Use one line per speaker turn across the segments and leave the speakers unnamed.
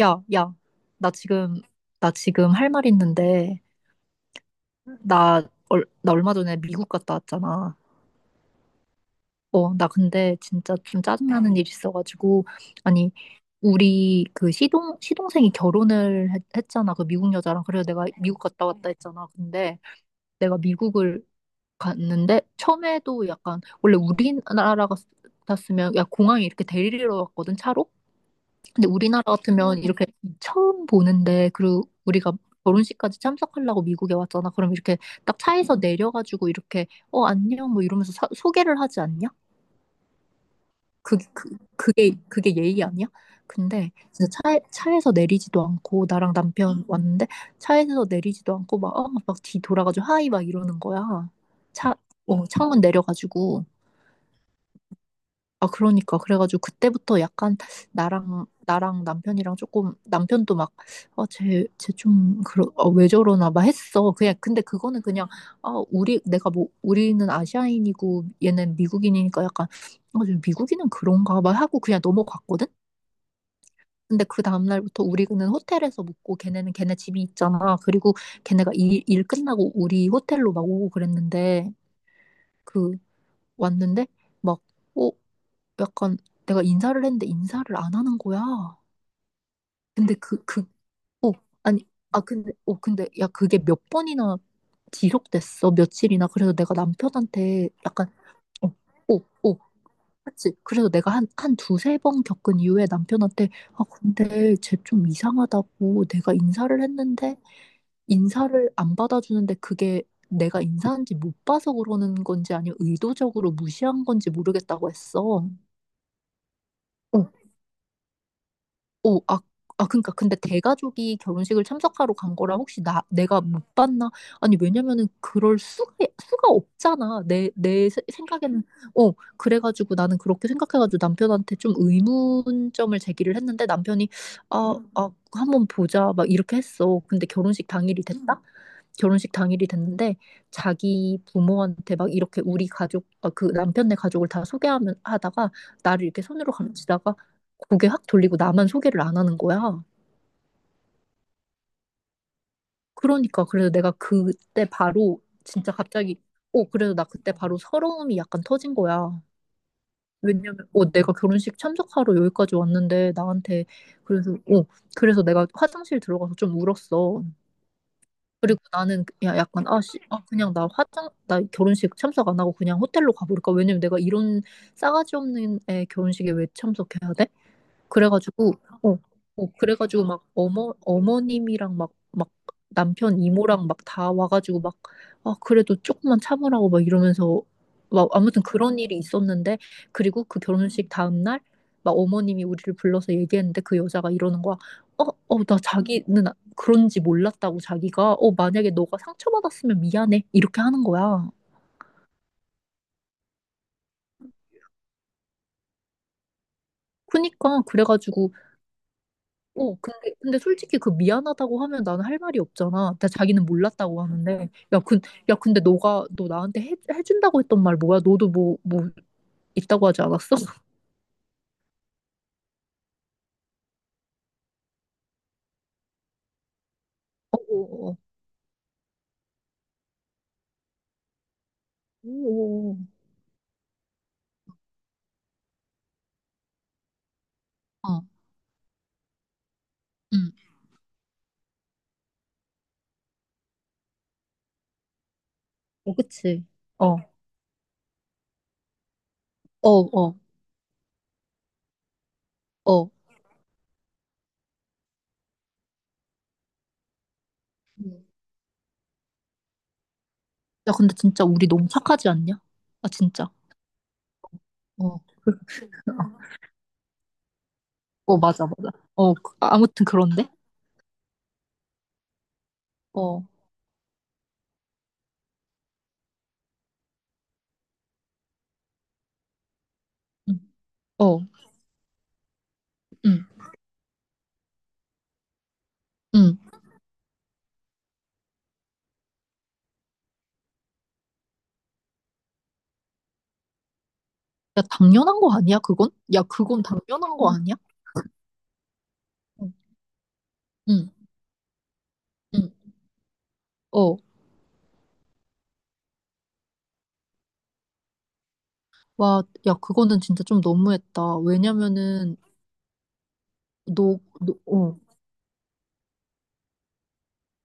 야, 야, 나 지금, 나 지금 할 말 있는데, 나, 나 얼마 전에 미국 갔다 왔잖아. 나 근데 진짜 좀 짜증나는 일이 있어가지고, 아니, 우리 그 시동생이 결혼을 했잖아. 그 미국 여자랑. 그래서 내가 미국 갔다 왔다 했잖아. 근데 내가 미국을 갔는데, 처음에도 약간, 원래 우리나라 갔으면, 야, 공항에 이렇게 데리러 왔거든, 차로? 근데 우리나라 같으면 이렇게 처음 보는데, 그리고 우리가 결혼식까지 참석하려고 미국에 왔잖아. 그럼 이렇게 딱 차에서 내려가지고 이렇게, 안녕, 뭐 이러면서 소개를 하지 않냐? 그, 그, 그게 예의 아니야? 근데 진짜 차에서 내리지도 않고, 나랑 남편 왔는데, 차에서 내리지도 않고, 막 뒤 돌아가지고, 하이, 막 이러는 거야. 차, 창문 내려가지고. 아, 그러니까. 그래가지고 그때부터 약간 나랑 남편이랑 조금, 남편도 막, 아, 왜 저러나 막 했어. 그냥, 근데 그거는 그냥, 내가 뭐, 우리는 아시아인이고 얘는 미국인이니까 약간, 쟤 미국인은 그런가 막 하고 그냥 넘어갔거든? 근데 그 다음날부터 우리는 호텔에서 묵고 걔네는 걔네 집이 있잖아. 그리고 걔네가 일 끝나고 우리 호텔로 막 오고 그랬는데, 그, 왔는데, 막, 어? 약간 내가 인사를 했는데 인사를 안 하는 거야. 근데 어, 아니, 야, 그게 몇 번이나 지속됐어, 며칠이나. 그래서 내가 남편한테 약간, 어, 어, 어, 그치. 그래서 내가 한 두세 번 겪은 이후에 남편한테, 근데 쟤 좀 이상하다고 내가 인사를 했는데, 인사를 안 받아주는데 그게 내가 인사한지 못 봐서 그러는 건지 아니면 의도적으로 무시한 건지 모르겠다고 했어. 어, 오, 아, 그러니까 근데 대가족이 결혼식을 참석하러 간 거라 혹시 나 내가 못 봤나? 아니 왜냐면은 그럴 수가 없잖아. 내 생각에는 어 그래가지고 나는 그렇게 생각해가지고 남편한테 좀 의문점을 제기를 했는데 남편이, 한번 보자 막 이렇게 했어. 근데 결혼식 당일이 됐다? 결혼식 당일이 됐는데 자기 부모한테 막 이렇게 우리 가족 아, 그 남편네 가족을 다 소개하면 하다가 나를 이렇게 손으로 감지다가 고개 확 돌리고 나만 소개를 안 하는 거야. 그러니까 그래서 내가 그때 바로 진짜 갑자기, 그래서 나 그때 바로 서러움이 약간 터진 거야. 왜냐면 내가 결혼식 참석하러 여기까지 왔는데 나한테, 그래서 어 그래서 내가 화장실 들어가서 좀 울었어. 그리고 나는 그냥 약간, 아, 씨, 그냥 나 결혼식 참석 안 하고 그냥 호텔로 가버릴까? 왜냐면 내가 이런 싸가지 없는 애 결혼식에 왜 참석해야 돼? 그래가지고, 어, 그래가지고 막 어머님이랑 막 남편 이모랑 막 다 와가지고 막, 그래도 조금만 참으라고 막 이러면서 막 아무튼 그런 일이 있었는데, 그리고 그 결혼식 다음날 막 어머님이 우리를 불러서 얘기했는데 그 여자가 이러는 거야. 나 자기는 그런지 몰랐다고 자기가. 만약에 너가 상처받았으면 미안해. 이렇게 하는 거야. 그니까, 그래가지고 근데 솔직히 그 미안하다고 하면 나는 할 말이 없잖아. 나 자기는 몰랐다고 하는데. 야, 야, 근데 너 나한테 해준다고 했던 말 뭐야? 너도 뭐, 있다고 하지 않았어? 어, 어, 어. 오, 오, 어, 응, 어, 그치. 어, 어, 어, 어. 음. 야, 근데 진짜 우리 너무 착하지 않냐? 아, 진짜. 어, 어, 맞아, 맞아. 어. 아무튼 그런데? 어, 응, 어, 응, 응. 야, 당연한 거 아니야, 그건? 야, 그건 당연한 거 아니야? 응, 응. 응. 어, 와, 야, 그거는 진짜 좀 너무했다. 왜냐면은, 너, 너, 어,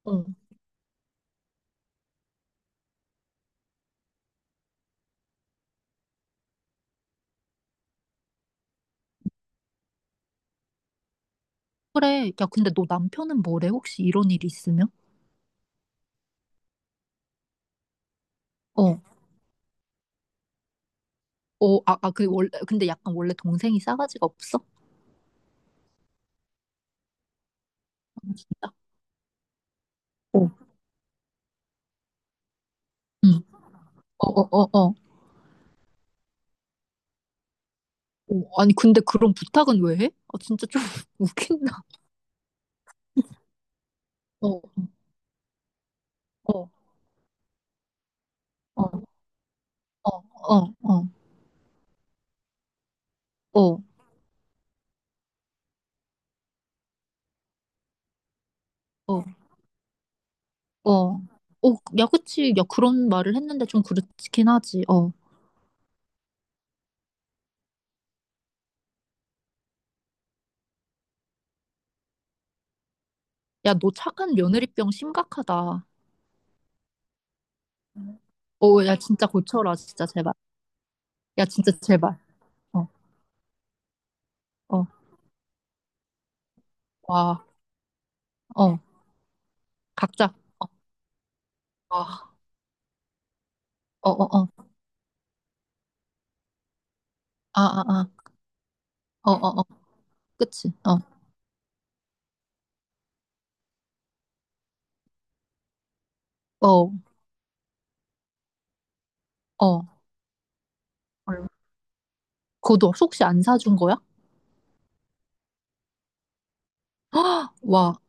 어. 그래. 야, 근데 너 남편은 뭐래? 혹시 이런 일이 있으면? 어, 근데 약간 원래 동생이 싸가지가 없어? 아, 진짜? 어, 응. 어, 어, 어, 어. 아니, 근데 그런 부탁은 왜 해? 진짜 좀 웃긴다. 어, 어, 어, 어, 어, 어, 어, 어, 어. 어, 야, 그치. 야, 그런 말을 했는데 좀 그렇긴 하지. 어. 야, 너 착한 며느리병 심각하다. 오, 야, 진짜 고쳐라, 진짜, 제발. 야, 진짜, 제발. 어, 어, 와, 어, 각자. 어, 어, 어, 어, 어. 아, 아, 아. 어, 어, 어. 그치. 어, 어, 어. 얼마. 그것도 혹시 안 사준 거야? 헉! 와,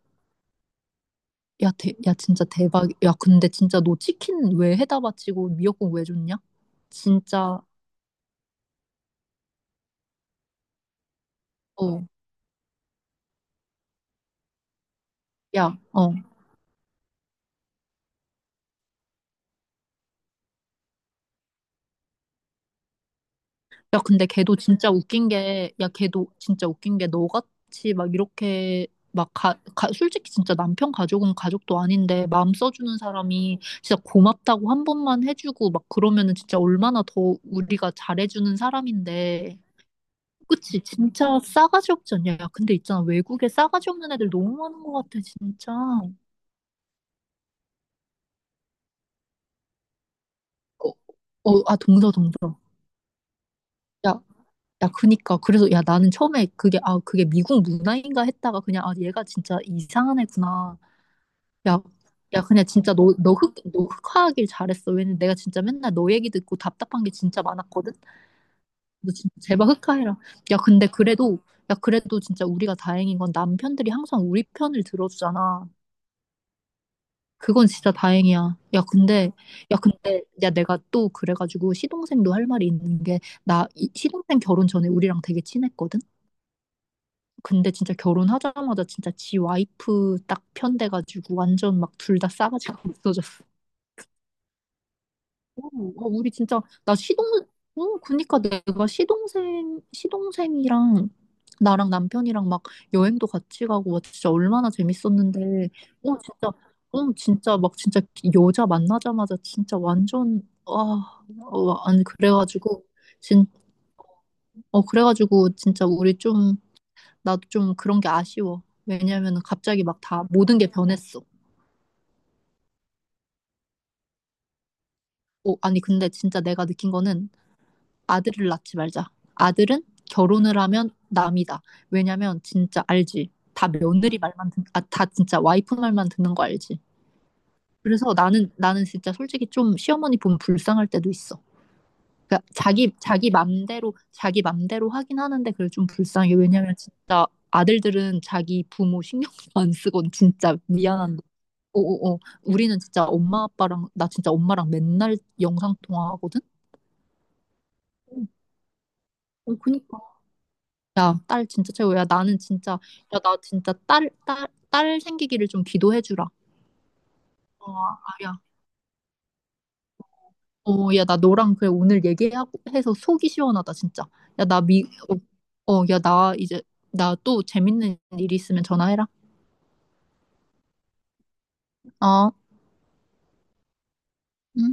야, 야, 진짜 대박. 야, 근데 진짜 너 치킨 왜 해다 바치고 미역국 왜 줬냐? 진짜, 어, 야, 어. 야, 근데 걔도 진짜 웃긴 게, 야, 걔도 진짜 웃긴 게 너같이 막 이렇게 막 솔직히 진짜 남편 가족은 가족도 아닌데 마음 써주는 사람이 진짜 고맙다고 한 번만 해주고 막 그러면은 진짜 얼마나 더 우리가 잘해주는 사람인데. 그치, 진짜 싸가지 없지 않냐? 야, 근데 있잖아. 외국에 싸가지 없는 애들 너무 많은 것 같아, 진짜. 어, 어, 아, 동서, 동서. 야, 야, 그니까. 그래서, 야, 나는 처음에 그게 미국 문화인가 했다가 그냥, 얘가 진짜 이상한 애구나. 야, 야, 그냥 진짜 너 흑화하길 잘했어. 왜냐면 내가 진짜 맨날 너 얘기 듣고 답답한 게 진짜 많았거든? 너 진짜 제발 흑화해라. 야, 근데 그래도 진짜 우리가 다행인 건 남편들이 항상 우리 편을 들어주잖아. 그건 진짜 다행이야. 야, 근데, 야, 내가 또 그래가지고 시동생도 할 말이 있는 게, 나 시동생 결혼 전에 우리랑 되게 친했거든? 근데 진짜 결혼하자마자 진짜 지 와이프 딱 편돼가지고 완전 막 둘 다 싸가지가 없어졌어. 어, 어, 우리 진짜 나 시동 어 그니까 내가 시동생이랑 나랑 남편이랑 막 여행도 같이 가고 와, 진짜 얼마나 재밌었는데 진짜 진짜 막 진짜 여자 만나자마자 진짜 완전 아니 그래가지고 진 어 그래가지고 진짜 우리 좀, 나도 좀 그런 게 아쉬워. 왜냐면은 갑자기 막 다 모든 게 변했어. 오, 아니 근데 진짜 내가 느낀 거는 아들을 낳지 말자. 아들은 결혼을 하면 남이다. 왜냐면 진짜 알지. 다 며느리 말만 다 진짜 와이프 말만 듣는 거 알지. 그래서 나는 진짜 솔직히 좀 시어머니 보면 불쌍할 때도 있어. 그러니까 자기 맘대로 자기 맘대로 하긴 하는데 그래 좀 불쌍해. 왜냐면 진짜 아들들은 자기 부모 신경도 안 쓰곤 진짜 미안한 오오오. 우리는 진짜 엄마 아빠랑 나 진짜 엄마랑 맨날 영상 통화하거든. 응. 어, 그니까. 야, 딸 진짜 최고야. 나는 진짜 야, 나 진짜 딸 딸 딸 생기기를 좀 기도해 주라. 어, 아야. 어, 야, 나 너랑 그래 오늘 얘기하고 해서 속이 시원하다 진짜. 야, 나 미, 어, 어, 야, 나 또 재밌는 일 있으면 전화해라. 어. 응.